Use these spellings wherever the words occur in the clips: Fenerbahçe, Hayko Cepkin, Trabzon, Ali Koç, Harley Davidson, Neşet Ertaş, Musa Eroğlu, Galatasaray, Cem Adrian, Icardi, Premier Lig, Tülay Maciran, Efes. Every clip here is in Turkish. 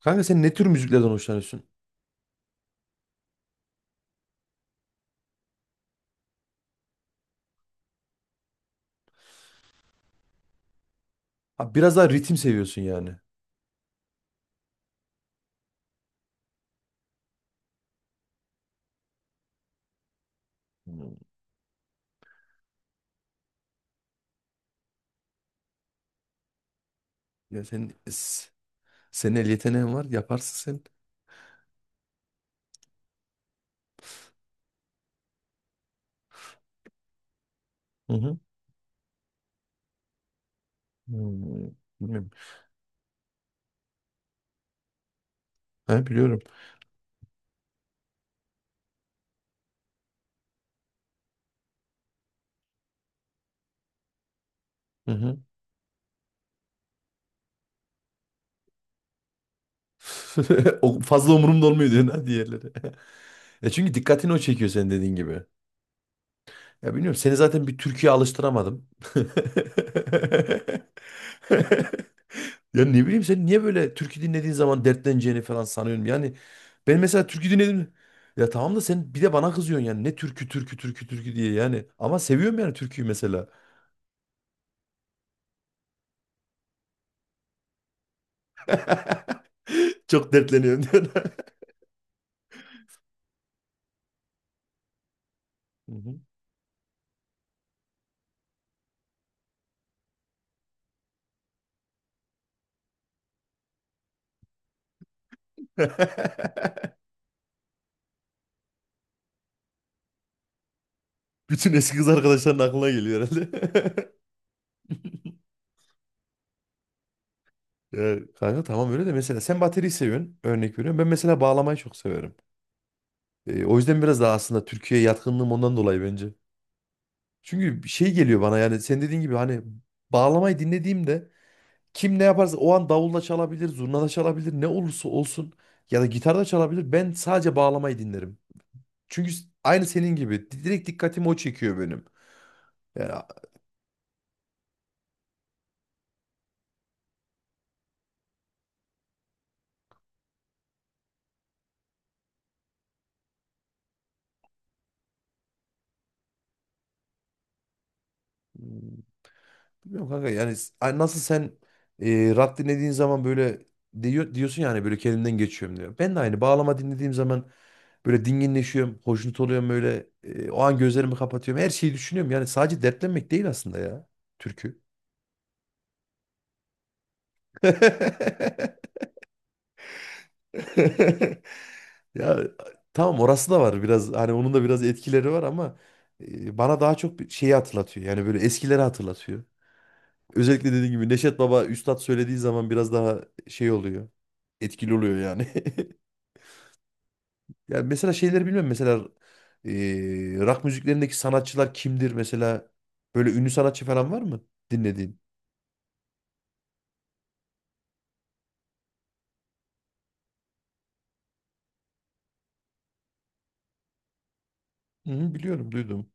Kanka sen ne tür müziklerden hoşlanıyorsun? Ha, biraz daha ritim seviyorsun yani. Hmm. Ya sen s- Senin el yeteneğin var, yaparsın sen. Hı hı. Hmm. Bilmiyorum. Ha, biliyorum. Hı hı. O fazla umurumda olmuyor diyorsun ha, diğerleri. E çünkü dikkatini o çekiyor, senin dediğin gibi. Ya bilmiyorum, seni zaten bir Türkiye alıştıramadım. Ya ne bileyim, sen niye böyle türkü dinlediğin zaman dertleneceğini falan sanıyorum. Yani ben mesela türkü dinledim. Ya tamam da sen bir de bana kızıyorsun yani. Ne türkü türkü türkü türkü diye yani. Ama seviyorum yani türküyü mesela. Çok dertleniyorum diyorsun. Hı hı. Bütün eski kız arkadaşların aklına geliyor herhalde. Ya kanka tamam, öyle de mesela sen bateriyi seviyorsun. Örnek veriyorum. Ben mesela bağlamayı çok severim. O yüzden biraz daha aslında Türkiye'ye yatkınlığım ondan dolayı bence. Çünkü şey geliyor bana, yani sen dediğin gibi hani bağlamayı dinlediğimde, kim ne yaparsa o an davulla çalabilir, zurna da çalabilir, ne olursa olsun ya da gitar da çalabilir. Ben sadece bağlamayı dinlerim. Aynı senin gibi direkt dikkatimi o çekiyor benim. Yani a- Bilmiyorum kanka, yani nasıl sen rap dinlediğin zaman böyle diyorsun yani, böyle kendimden geçiyorum diyor. Ben de aynı bağlama dinlediğim zaman böyle dinginleşiyorum, hoşnut oluyorum böyle, o an gözlerimi kapatıyorum. Her şeyi düşünüyorum. Yani sadece dertlenmek değil aslında ya, türkü. Ya tamam, orası da var biraz, hani onun da biraz etkileri var ama bana daha çok bir şeyi hatırlatıyor. Yani böyle eskileri hatırlatıyor. Özellikle dediğim gibi Neşet Baba Üstad söylediği zaman biraz daha şey oluyor. Etkili oluyor yani. Ya mesela şeyleri bilmiyorum, mesela e, rock müziklerindeki sanatçılar kimdir mesela, böyle ünlü sanatçı falan var mı dinlediğin? Hı, biliyorum, duydum.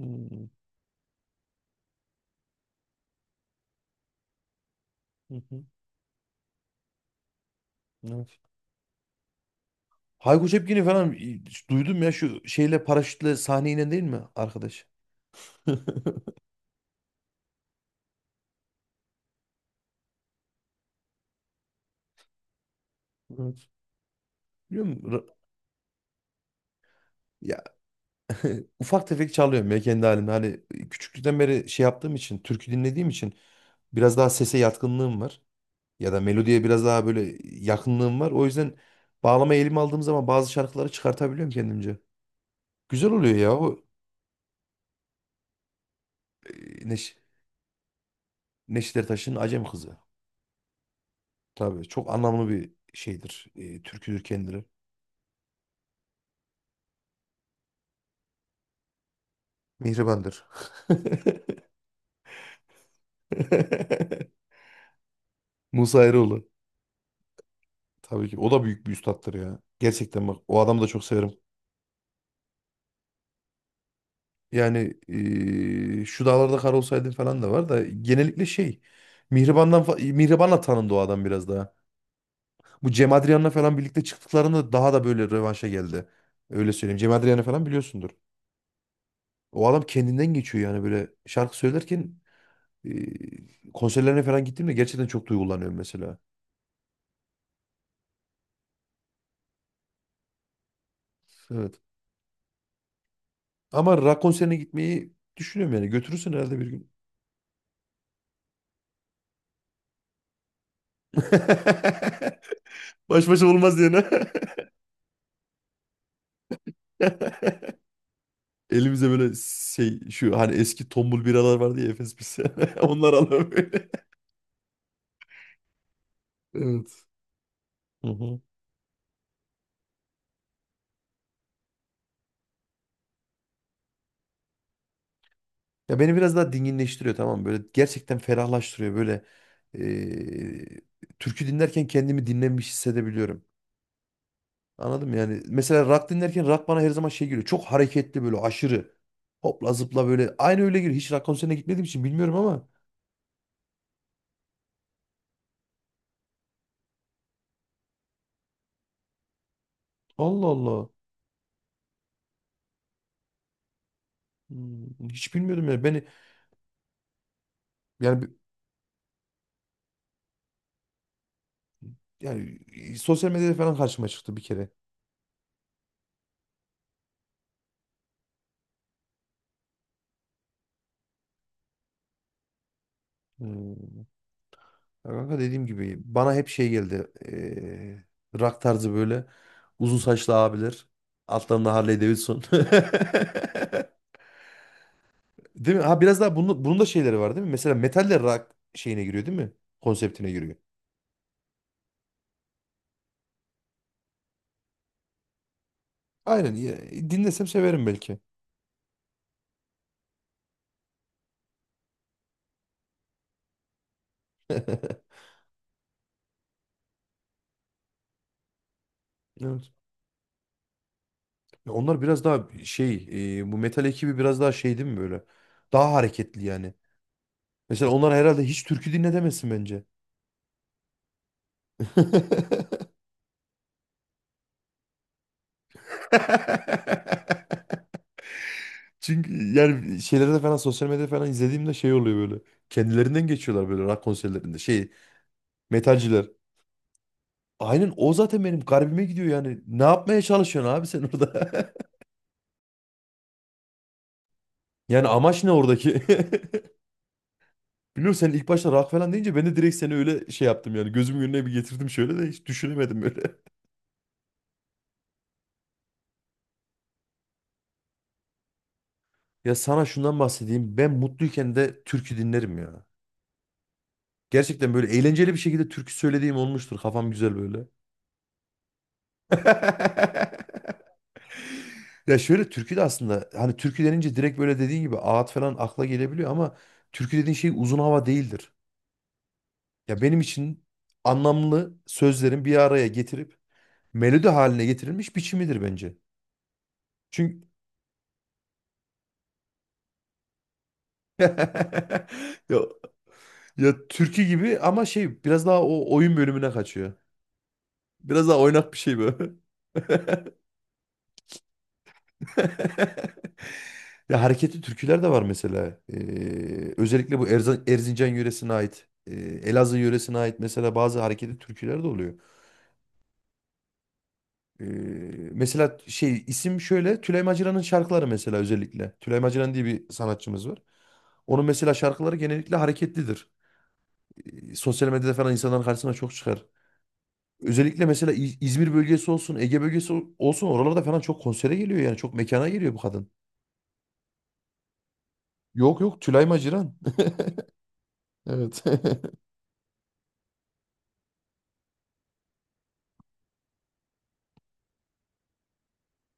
Hı, hı, hı, evet. Hayko Cepkin'i falan duydum ya, şu şeyle paraşütle sahneye inen değil mi arkadaş? Evet. Biliyor musun? Ya, Ufak tefek çalıyorum ya, kendi halimde. Hani küçüklükten beri şey yaptığım için, türkü dinlediğim için biraz daha sese yatkınlığım var. Ya da melodiye biraz daha böyle yakınlığım var. O yüzden bağlama elime aldığım zaman bazı şarkıları çıkartabiliyorum kendimce. Güzel oluyor ya o, e, Neş Neşet Ertaş'ın Acem Kızı. Tabii çok anlamlı bir şeydir. E, türküdür kendileri. Mihriban'dır. Musa Eroğlu. Tabii ki. O da büyük bir üstattır ya. Gerçekten bak, o adamı da çok severim. Yani şu dağlarda kar olsaydın falan da var, da genellikle şey, Mihriban'la tanındı o adam biraz daha. Bu Cem Adrian'la falan birlikte çıktıklarında daha da böyle rövanşa geldi. Öyle söyleyeyim. Cem Adrian'ı falan biliyorsundur. O adam kendinden geçiyor yani, böyle şarkı söylerken eee konserlerine falan gittiğimde gerçekten çok duygulanıyorum mesela. Evet. Ama rock konserine gitmeyi düşünüyorum yani. Götürürsün herhalde bir gün. Baş başa olmaz yani. Elimize böyle şey, şu hani eski tombul biralar vardı ya, Efes biz. Onlar alalım böyle. Evet. Hı hı. Ya beni biraz daha dinginleştiriyor, tamam mı? Böyle gerçekten ferahlaştırıyor böyle. eee, Türkü dinlerken kendimi dinlenmiş hissedebiliyorum. Anladın mı yani. Mesela rock dinlerken rock bana her zaman şey geliyor. Çok hareketli böyle, aşırı. Hopla zıpla böyle. Aynı öyle geliyor. Hiç rock konserine gitmediğim için bilmiyorum ama. Allah Allah. Hmm, hiç bilmiyordum ya. Yani, bi- Yani sosyal medyada falan karşıma çıktı bir kere. Hmm. Ya kanka, dediğim gibi bana hep şey geldi. Rock tarzı, böyle uzun saçlı abiler. Altlarında Harley Davidson. Değil mi? Ha biraz daha bunun da şeyleri var değil mi? Mesela metal de rock şeyine giriyor değil mi? Konseptine giriyor. Aynen. Dinlesem severim belki. Evet. Ya onlar biraz daha şey, bu metal ekibi biraz daha şey değil mi böyle? Daha hareketli yani. Mesela onlar herhalde hiç türkü dinle demezsin bence. Çünkü yani şeylerde falan, sosyal medyada falan izlediğimde şey oluyor böyle. Kendilerinden geçiyorlar böyle rock konserlerinde. Şey, metalciler. Aynen, o zaten benim garibime gidiyor yani. Ne yapmaya çalışıyorsun abi sen orada? Yani amaç ne oradaki? Biliyorum, sen ilk başta rock falan deyince ben de direkt seni öyle şey yaptım yani. Gözümün önüne bir getirdim şöyle de hiç düşünemedim böyle. Ya sana şundan bahsedeyim. Ben mutluyken de türkü dinlerim ya. Gerçekten böyle eğlenceli bir şekilde türkü söylediğim olmuştur. Kafam güzel böyle. Ya şöyle, türkü de aslında, hani türkü denince direkt böyle dediğin gibi ağıt falan akla gelebiliyor ama türkü dediğin şey uzun hava değildir. Ya benim için anlamlı sözlerin bir araya getirip melodi haline getirilmiş biçimidir bence. Çünkü ya, ya türkü gibi, ama şey biraz daha o oyun bölümüne kaçıyor. Biraz daha oynak bir şey böyle. Ya hareketli türküler de var mesela. Özellikle bu Erzincan yöresine ait, Elazığ yöresine ait mesela bazı hareketli türküler de oluyor. Ee, Mesela şey, isim şöyle, Tülay Macira'nın şarkıları mesela, özellikle. Tülay Maciran diye bir sanatçımız var. Onun mesela şarkıları genellikle hareketlidir. Sosyal medyada falan insanların karşısına çok çıkar. Özellikle mesela İzmir bölgesi olsun, Ege bölgesi olsun, oralarda falan çok konsere geliyor yani, çok mekana geliyor bu kadın. Yok yok, Tülay Maciran. Evet.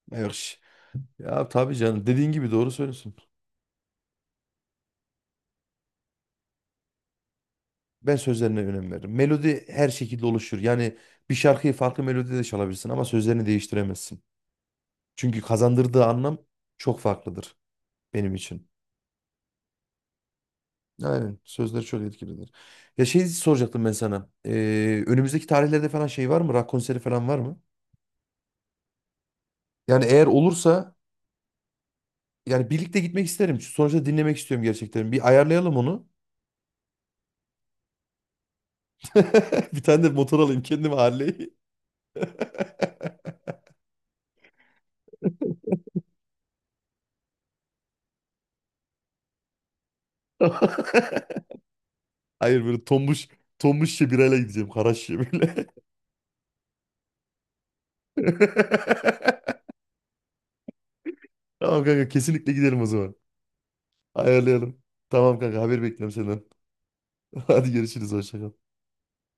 Yok, ya tabii canım, dediğin gibi doğru söylüyorsun. Ben sözlerine önem veririm. Melodi her şekilde oluşur. Yani bir şarkıyı farklı melodide de çalabilirsin ama sözlerini değiştiremezsin. Çünkü kazandırdığı anlam çok farklıdır benim için. Aynen, sözleri çok etkilidir. Ya şey soracaktım ben sana. Önümüzdeki tarihlerde falan şey var mı? Rock konseri falan var mı? Yani eğer olursa yani birlikte gitmek isterim. Sonuçta dinlemek istiyorum gerçekten. Bir ayarlayalım onu. Bir tane de motor alayım kendime, Harley. Hayır, böyle tombuş tombuş şebirayla gideceğim. Karaş şebirle. Tamam kanka, kesinlikle gidelim o zaman. Ayarlayalım. Tamam kanka, haber bekliyorum senden. Hadi görüşürüz, hoşça kal.